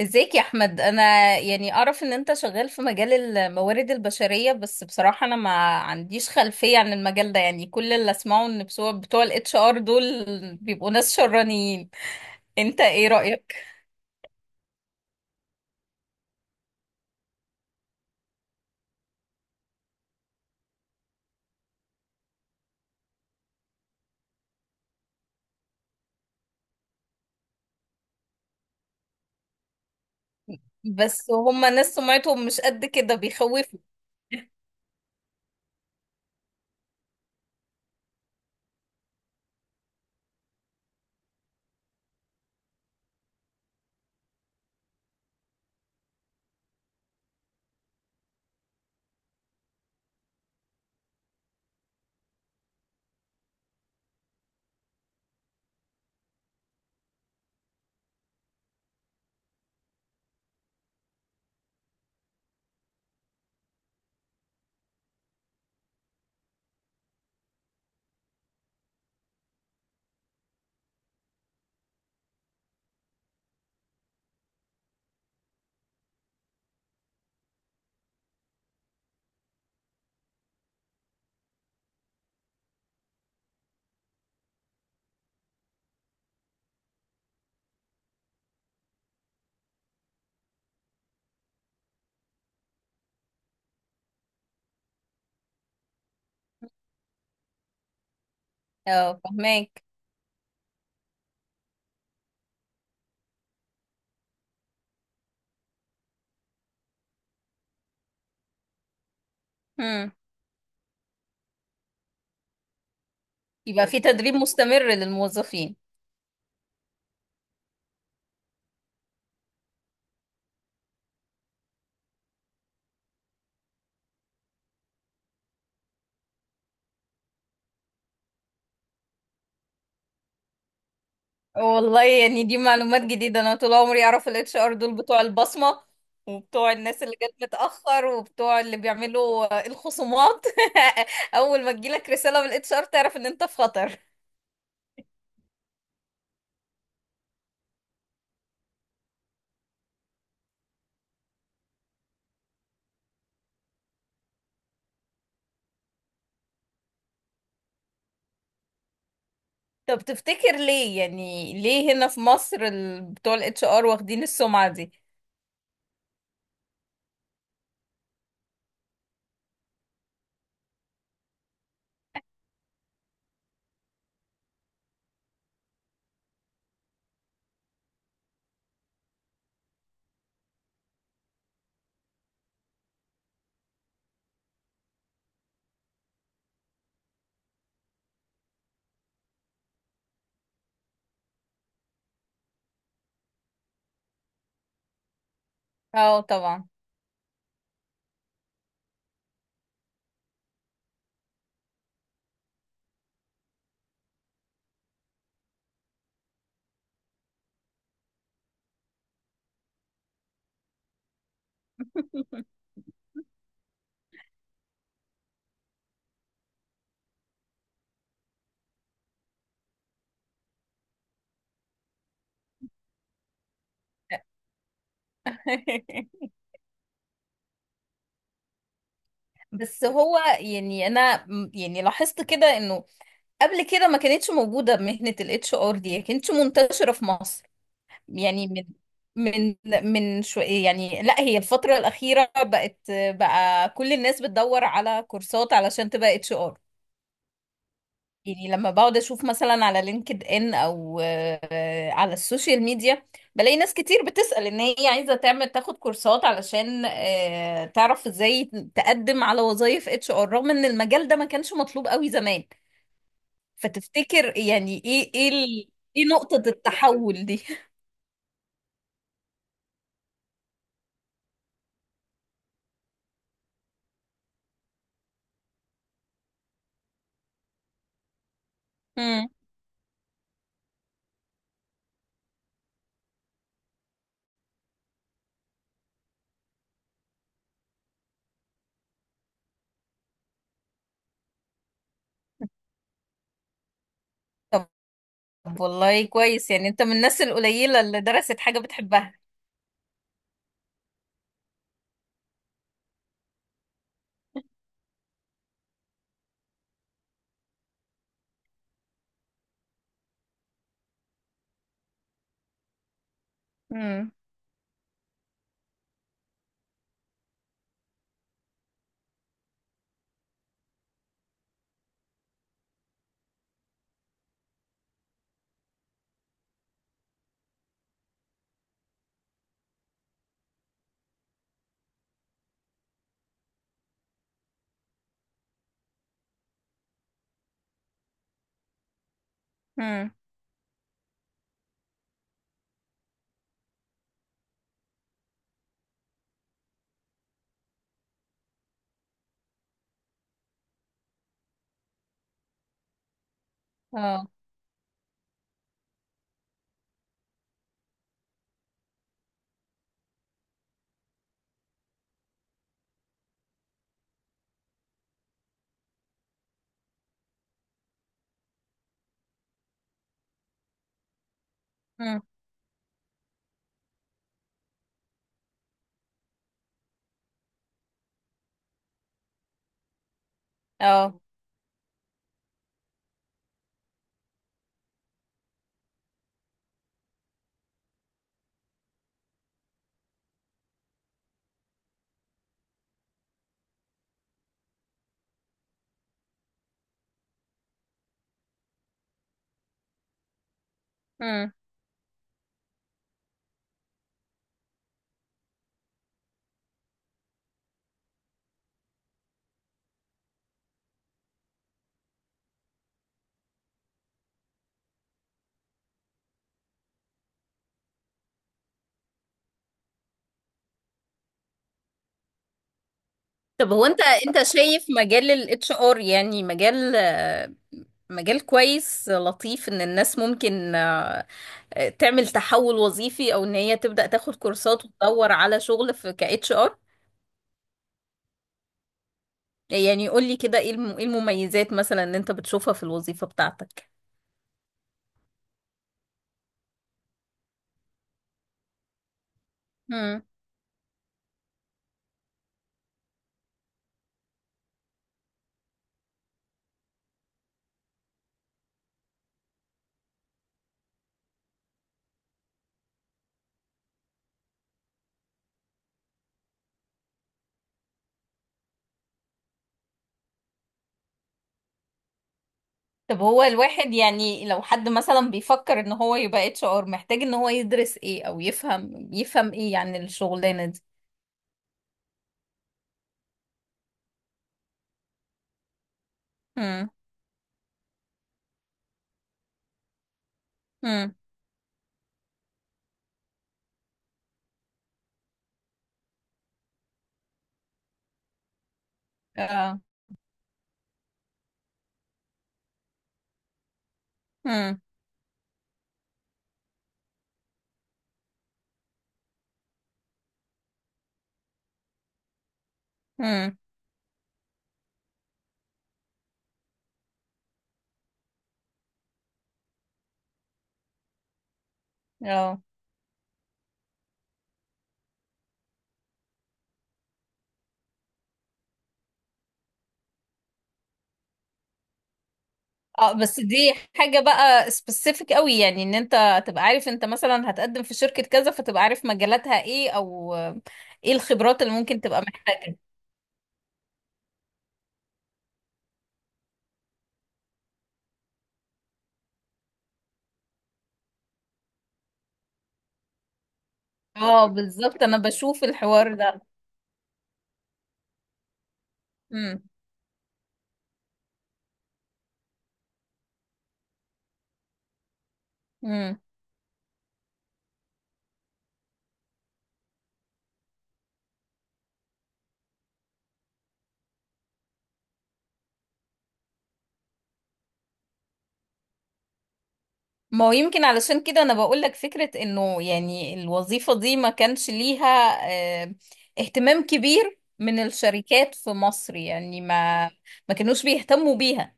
ازيك يا احمد؟ انا يعني اعرف ان انت شغال في مجال الموارد البشريه، بس بصراحه انا ما عنديش خلفيه عن المجال ده. يعني كل اللي اسمعه ان بتوع الاتش ار دول بيبقوا ناس شرانيين. انت ايه رايك؟ بس هم ناس سمعتهم مش قد كده، بيخوفوا. اه، فهماك. هم. يبقى في تدريب مستمر للموظفين. والله يعني دي معلومات جديدة، انا طول عمري اعرف الاتش ار دول بتوع البصمة وبتوع الناس اللي جت متأخر وبتوع اللي بيعملوا الخصومات. اول ما تجيلك رسالة من الاتش ار تعرف ان انت في خطر. طب تفتكر ليه، هنا في مصر بتوع الاتش ار واخدين السمعة دي؟ اه طبعا. بس هو يعني انا يعني لاحظت كده انه قبل كده ما كانتش موجودة مهنة الاتش ار دي، ما كانتش منتشرة في مصر. يعني من من شو يعني. لا، هي الفترة الأخيرة بقت بقى كل الناس بتدور على كورسات علشان تبقى اتش ار. يعني لما بقعد اشوف مثلا على لينكد ان او على السوشيال ميديا بلاقي ناس كتير بتسأل ان هي عايزة تاخد كورسات علشان تعرف ازاي تقدم على وظائف اتش ار، رغم ان المجال ده ما كانش مطلوب قوي زمان. فتفتكر يعني ايه نقطة التحول دي؟ مم. طب والله كويس، يعني انت من الناس القليلة اللي درست حاجة بتحبها. امم. امم. اه. امم. اه. امم. طب هو انت شايف مجال الاتش ار يعني مجال، مجال كويس لطيف ان الناس ممكن، تعمل تحول وظيفي او ان هي تبدأ تاخد كورسات وتدور على شغل في كاتش ار. يعني قول لي كده، إيه المميزات مثلا اللي انت بتشوفها في الوظيفة بتاعتك؟ طب هو الواحد، يعني لو حد مثلا بيفكر ان هو يبقى اتش ار، محتاج ان هو يدرس ايه او يفهم، ايه يعني الشغلانة دي؟ هم. هم. اه. هم. هم. اه. اه بس دي حاجة بقى سبيسيفيك قوي، يعني ان انت تبقى عارف انت مثلا هتقدم في شركة كذا فتبقى عارف مجالاتها ايه، او ايه الخبرات اللي ممكن تبقى محتاجة. اه بالظبط، انا بشوف الحوار ده. هم. ما هو يمكن علشان كده انا بقول لك فكرة انه يعني الوظيفة دي ما كانش ليها، آه، اهتمام كبير من الشركات في مصر، يعني ما كانوش بيهتموا بيها.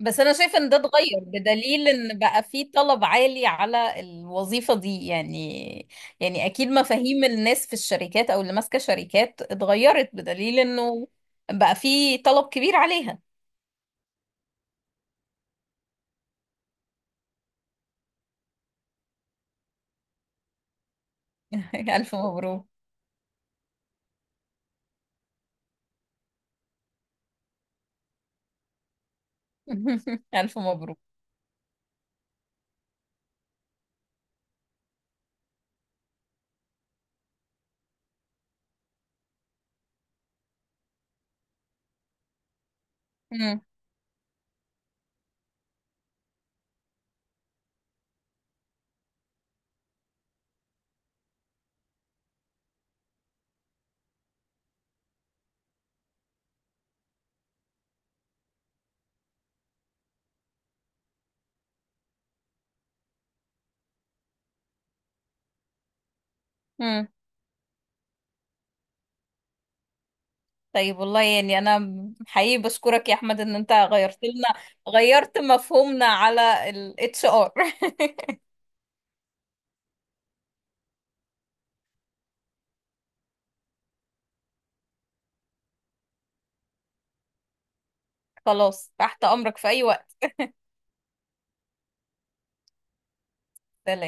بس انا شايفة ان ده اتغير بدليل ان بقى في طلب عالي على الوظيفة دي. يعني يعني اكيد مفاهيم الناس في الشركات او اللي ماسكة شركات اتغيرت، بدليل انه بقى في طلب كبير عليها. الف مبروك. الف مبروك. مم. مم. طيب والله، يعني انا حقيقي بشكرك يا احمد ان انت غيرت لنا، غيرت مفهومنا على الاتش ار. خلاص، تحت امرك في اي وقت. سلام.